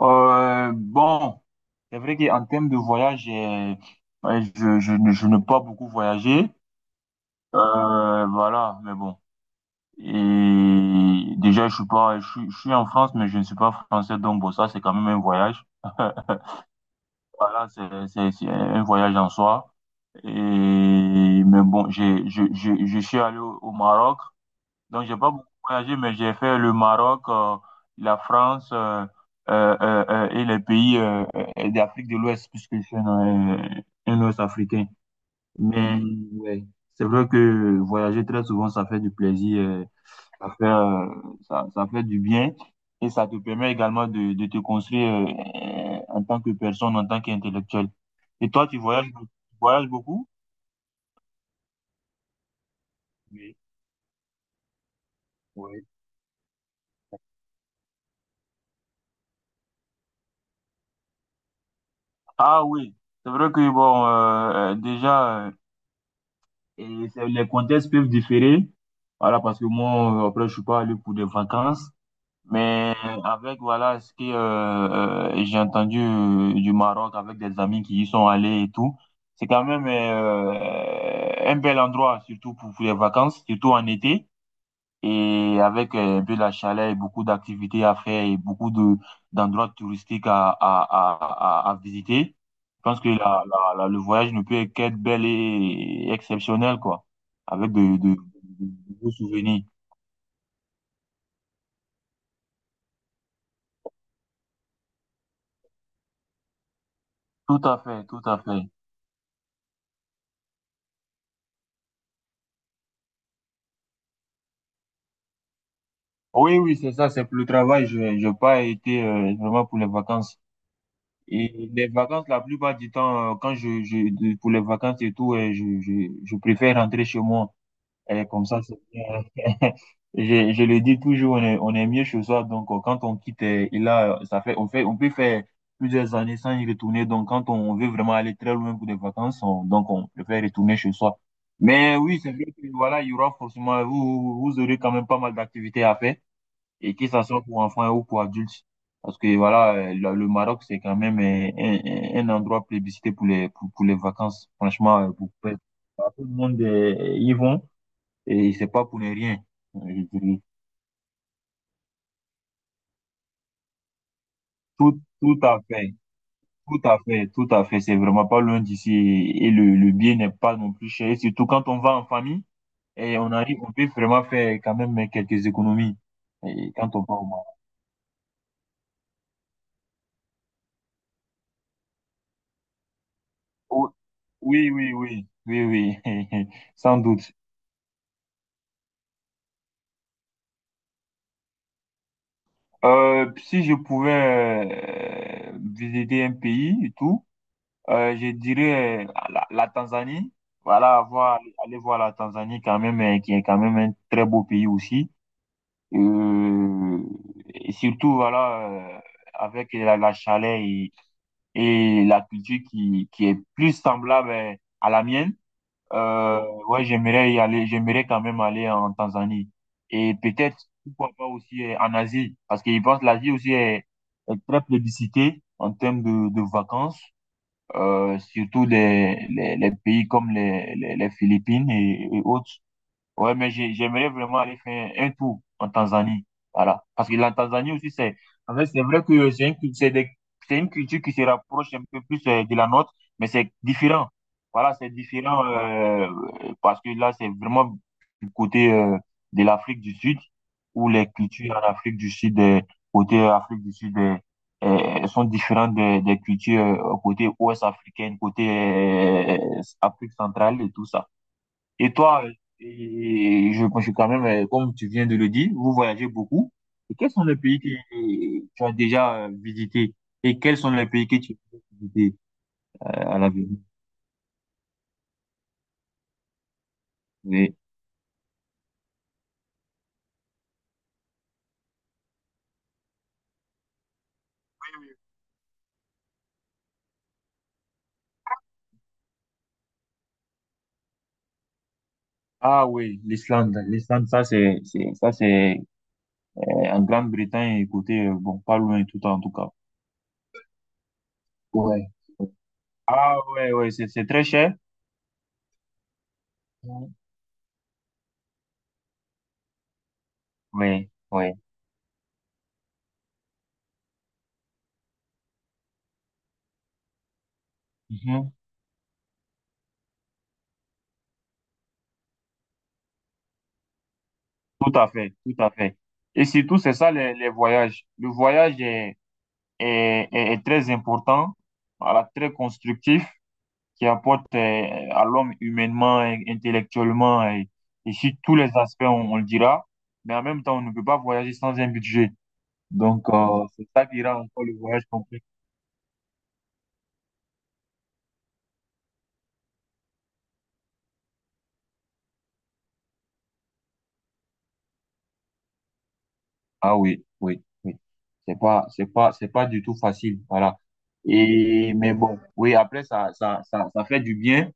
Bon, c'est vrai qu'en termes de voyage, ouais, je n'ai pas beaucoup voyagé. Voilà, mais bon. Et déjà, je suis pas, je suis en France, mais je ne suis pas français, donc bon, ça, c'est quand même un voyage. Voilà, c'est un voyage en soi. Et, mais bon, je suis allé au Maroc. Donc, j'ai pas beaucoup voyagé, mais j'ai fait le Maroc, la France et les pays d'Afrique de l'Ouest, puisque je suis un Ouest-Africain. Mais ouais, c'est vrai que voyager très souvent, ça fait du plaisir, ça fait, ça fait du bien et ça te permet également de te construire en tant que personne, en tant qu'intellectuel. Et toi, tu voyages beaucoup? Oui, oui. Ah oui, c'est vrai que bon, déjà. Les contextes peuvent différer. Voilà, parce que moi, après, je suis pas allé pour des vacances. Mais avec, voilà, ce que j'ai entendu du Maroc avec des amis qui y sont allés et tout, c'est quand même un bel endroit, surtout pour les vacances, surtout en été et avec un peu la chaleur et beaucoup d'activités à faire et beaucoup de d'endroits touristiques à visiter, je pense que le voyage ne peut qu'être bel et exceptionnel, quoi, avec de beaux souvenirs. Tout à fait, tout à fait. Oui, oui, c'est ça, c'est pour le travail. Je n'ai pas été vraiment pour les vacances. Et les vacances, la plupart du temps, quand pour les vacances et tout, je préfère rentrer chez moi. Elle est comme ça, c'est bien. Je le dis toujours, on est mieux chez soi. Donc, quand on quitte, et là, ça fait, on fait, on peut faire plusieurs années sans y retourner. Donc, quand on veut vraiment aller très loin pour des vacances, donc, on préfère retourner chez soi. Mais oui, c'est vrai que, voilà, il y aura forcément, vous aurez quand même pas mal d'activités à faire. Et que ça soit pour enfants ou pour adultes. Parce que, voilà, le Maroc, c'est quand même un endroit plébiscité pour pour les vacances. Franchement, pour tout le monde, y vont. Et c'est pas pour ne rien, euh, je dirais. Tout à fait, tout à fait, tout à fait. C'est vraiment pas loin d'ici. Et le bien n'est pas non plus cher. Et surtout quand on va en famille et on arrive, on peut vraiment faire quand même quelques économies. Et quand on va au Maroc. Oh, oui, oui, oui, oui, oui, sans doute. Si je pouvais visiter un pays et tout, je dirais la Tanzanie. Voilà, voir, aller voir la Tanzanie quand même, qui est quand même un très beau pays aussi. Euh, et surtout, voilà, euh, avec la chaleur et la culture qui est plus semblable à la mienne. Euh, ouais, j'aimerais y aller, j'aimerais quand même aller en Tanzanie. Et peut-être, pourquoi pas aussi en Asie, parce que je pense que l'Asie aussi est très plébiscitée en termes de vacances surtout les pays comme les Philippines et autres. Ouais, mais j'aimerais vraiment aller faire un tour en Tanzanie. Voilà. Parce que la Tanzanie aussi, c'est, en fait, c'est vrai que c'est une culture qui se rapproche un peu plus de la nôtre, mais c'est différent. Voilà, c'est différent parce que là, c'est vraiment du côté de l'Afrique du Sud, où les cultures en Afrique du Sud, côté Afrique du Sud, sont différentes des cultures côté ouest africaine, côté Afrique centrale et tout ça. Et toi, et je pense que quand même, comme tu viens de le dire, vous voyagez beaucoup. Et quels sont les pays que tu as déjà visités? Et quels sont les pays que tu veux visiter à l'avenir? Oui. Ah oui, l'Islande. L'Islande, ça c'est en Grande-Bretagne, écoutez, bon, pas loin tout en tout cas. Ouais. Ah ouais, ouais, c'est très cher. Mhm. Oui, oui. Mhm. Tout à fait, tout à fait. Et surtout, c'est ça les voyages. Le voyage est très important, voilà, très constructif, qui apporte à l'homme humainement, et intellectuellement et sur tous les aspects, on le dira. Mais en même temps, on ne peut pas voyager sans un budget. Donc, c'est ça qui rend encore le voyage complexe. Ah oui, oui, oui. C'est pas du tout facile. Voilà. Et, mais bon, oui, après, ça fait du bien.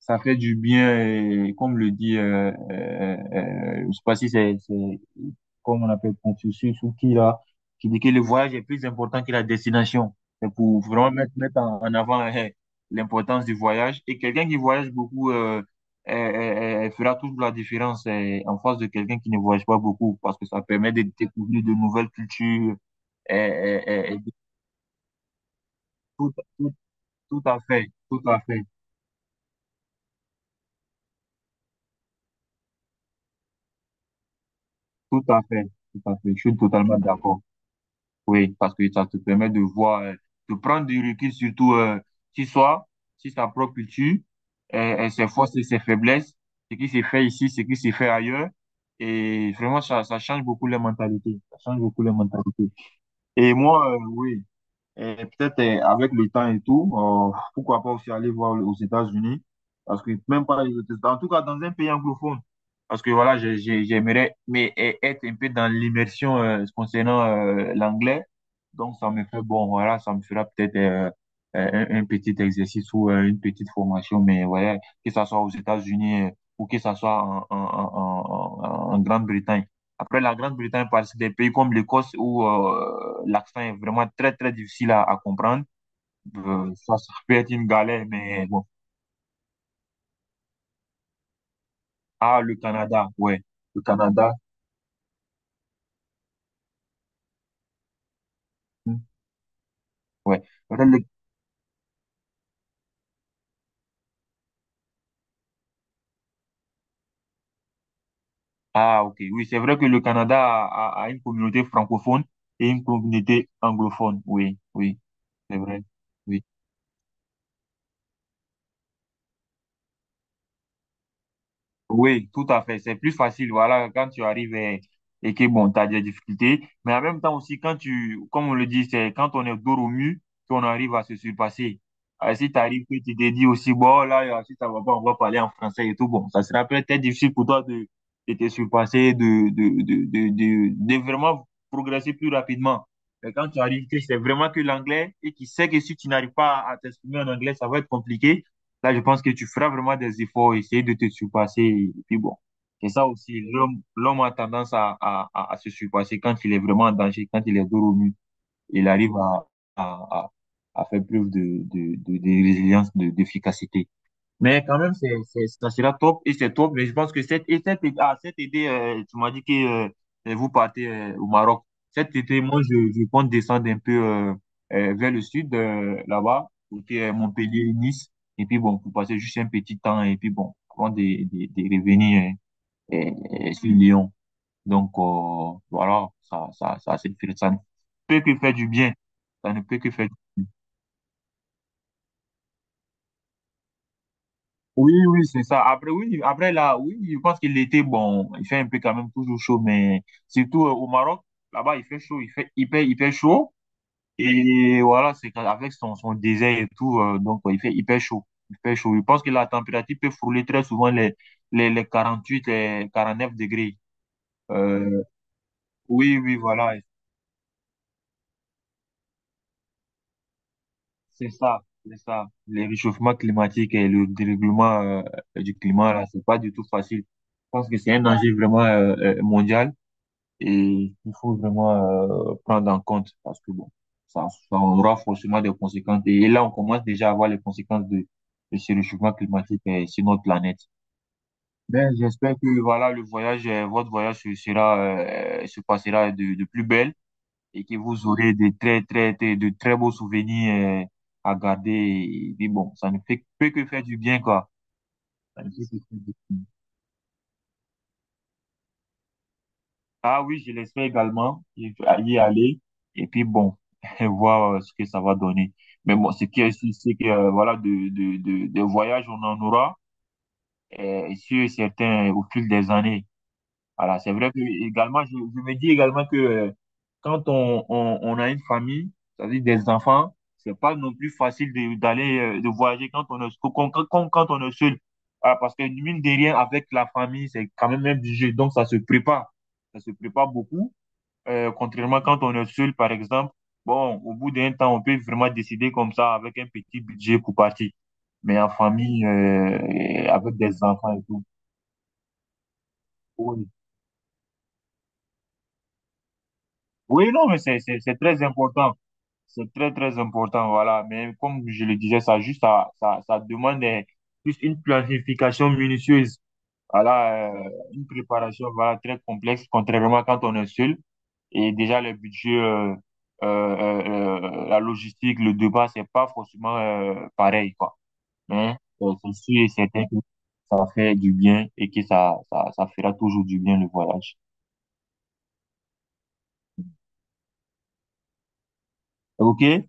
Ça fait du bien, et comme le dit, je sais pas si c'est, comme on appelle Confucius ou qui là, qui dit que le voyage est plus important que la destination. C'est pour vraiment mettre, en avant l'importance du voyage. Et quelqu'un qui voyage beaucoup fera toujours la différence en face de quelqu'un qui ne voyage pas beaucoup, parce que ça permet de découvrir de nouvelles cultures. euh, euh, euh, et de- tout, tout, tout à fait, tout à fait, tout à fait, tout à fait. Je suis totalement d'accord. Oui, parce que ça te permet de voir, de prendre du recul, surtout si soi, si sa propre culture, ses forces et ses faiblesses, ce qui s'est fait ici, ce qui s'est fait ailleurs. Et vraiment, ça change beaucoup les mentalités. Ça change beaucoup les mentalités. Et moi, oui. Et peut-être avec le temps et tout, pourquoi pas aussi aller voir aux États-Unis, parce que même pas les autres États, en tout cas dans un pays anglophone, parce que voilà, j'aimerais mais être un peu dans l'immersion concernant l'anglais, donc ça me fait bon, voilà, ça me fera peut-être un petit exercice ou une petite formation, mais ouais, que ça soit aux États-Unis ou que ça soit en Grande-Bretagne. Après, la Grande-Bretagne participe des pays comme l'Écosse où l'accent est vraiment très, très difficile à comprendre. Ça ça peut être une galère, mais bon. Ah, le Canada, ouais. Le Canada, hmm, ouais. Peut-être Ah, ok. Oui, c'est vrai que le Canada a une communauté francophone et une communauté anglophone. Oui, oui, c'est vrai. Oui. Oui, tout à fait. C'est plus facile, voilà, quand tu arrives et que, bon, tu as des difficultés. Mais en même temps aussi, quand tu, comme on le dit, c'est quand on est dos au mur qu'on arrive à se surpasser. Ah, si tu arrives que tu te dis aussi, bon, là, si ça va pas, on va parler en français et tout, bon, ça sera peut-être difficile pour toi de te surpasser, de vraiment progresser plus rapidement. Mais quand tu arrives que c'est vraiment que l'anglais et qui sait que si tu n'arrives pas à t'exprimer en anglais, ça va être compliqué. Là, je pense que tu feras vraiment des efforts, essayer de te surpasser. Et puis bon, c'est ça aussi. L'homme a tendance à se surpasser quand il est vraiment en danger, quand il est dos au mur. Il arrive à, à, à faire preuve de résilience, d'efficacité. Mais quand même, ça sera top et c'est top. Mais je pense que cette, et cette, ah, cet été, tu m'as dit que vous partez au Maroc. Cet été, moi, je compte descendre un peu vers le sud, là-bas, côté Montpellier, Nice. Et puis bon, pour passer juste un petit temps et puis bon, avant de revenir euh, sur Lyon. Donc voilà, ça ne peut que faire du bien. Ça ne peut que faire du bien. Oui, oui, c'est ça. Après, oui, après là, oui, je pense qu'il était bon, il fait un peu quand même toujours chaud, mais surtout au Maroc, là-bas, il fait chaud, il fait hyper, hyper chaud. Et voilà, c'est qu'avec avec son désert et tout, donc il fait hyper chaud. Il fait chaud. Je pense que la température peut frôler très souvent les 48 les 49 degrés. Euh, oui, oui, voilà, c'est ça, c'est ça. Le réchauffement climatique et le dérèglement du climat, là, c'est pas du tout facile. Je pense que c'est un danger vraiment mondial. Et il faut vraiment prendre en compte parce que bon, ça aura forcément des conséquences. Et là, on commence déjà à voir les conséquences de ce réchauffement climatique sur notre planète. Ben, j'espère que voilà, le voyage, votre voyage se passera de plus belle et que vous aurez des de très beaux souvenirs à garder. Et, puis bon, ça ne fait, peut que faire du bien, quoi. Ça ne peut que faire du bien. Ah oui, je l'espère également y aller. Et puis bon, voir ce que ça va donner. Mais bon, ce qui est sûr, c'est que voilà, de voyages, on en aura, sur certains au fil des années. Voilà, c'est vrai que également, je me dis également que quand on a une famille, c'est-à-dire des enfants, c'est pas non plus facile d'aller de voyager quand on est quand, quand, quand quand on est seul. Ah, parce que mine de rien, avec la famille, c'est quand même un jeu. Donc ça se prépare. Ça se prépare beaucoup. Contrairement quand on est seul, par exemple, bon, au bout d'un temps, on peut vraiment décider comme ça avec un petit budget pour partir. Mais en famille, et avec des enfants et tout. Oui, oui, non, mais c'est très important. C'est très, très important, voilà. Mais comme je le disais, ça juste, ça demande plus une planification minutieuse. Voilà, une préparation, voilà, très complexe, contrairement quand on est seul. Et déjà, le budget, la logistique, le débat, c'est pas forcément pareil, quoi. Mais c'est sûr et certain que ça fait du bien et que ça fera toujours du bien le voyage. OK?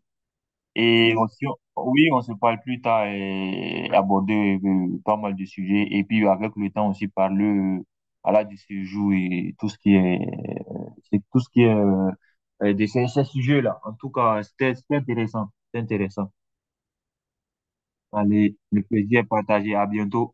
Et aussi, oui, on se parle plus tard et aborder pas mal de sujets. Et puis, avec le temps aussi, parler voilà, du séjour et tout ce qui est, c'est tout ce qui est de ces sujets-là. En tout cas, c'était intéressant. C'était intéressant. Allez, le plaisir est partagé. À bientôt.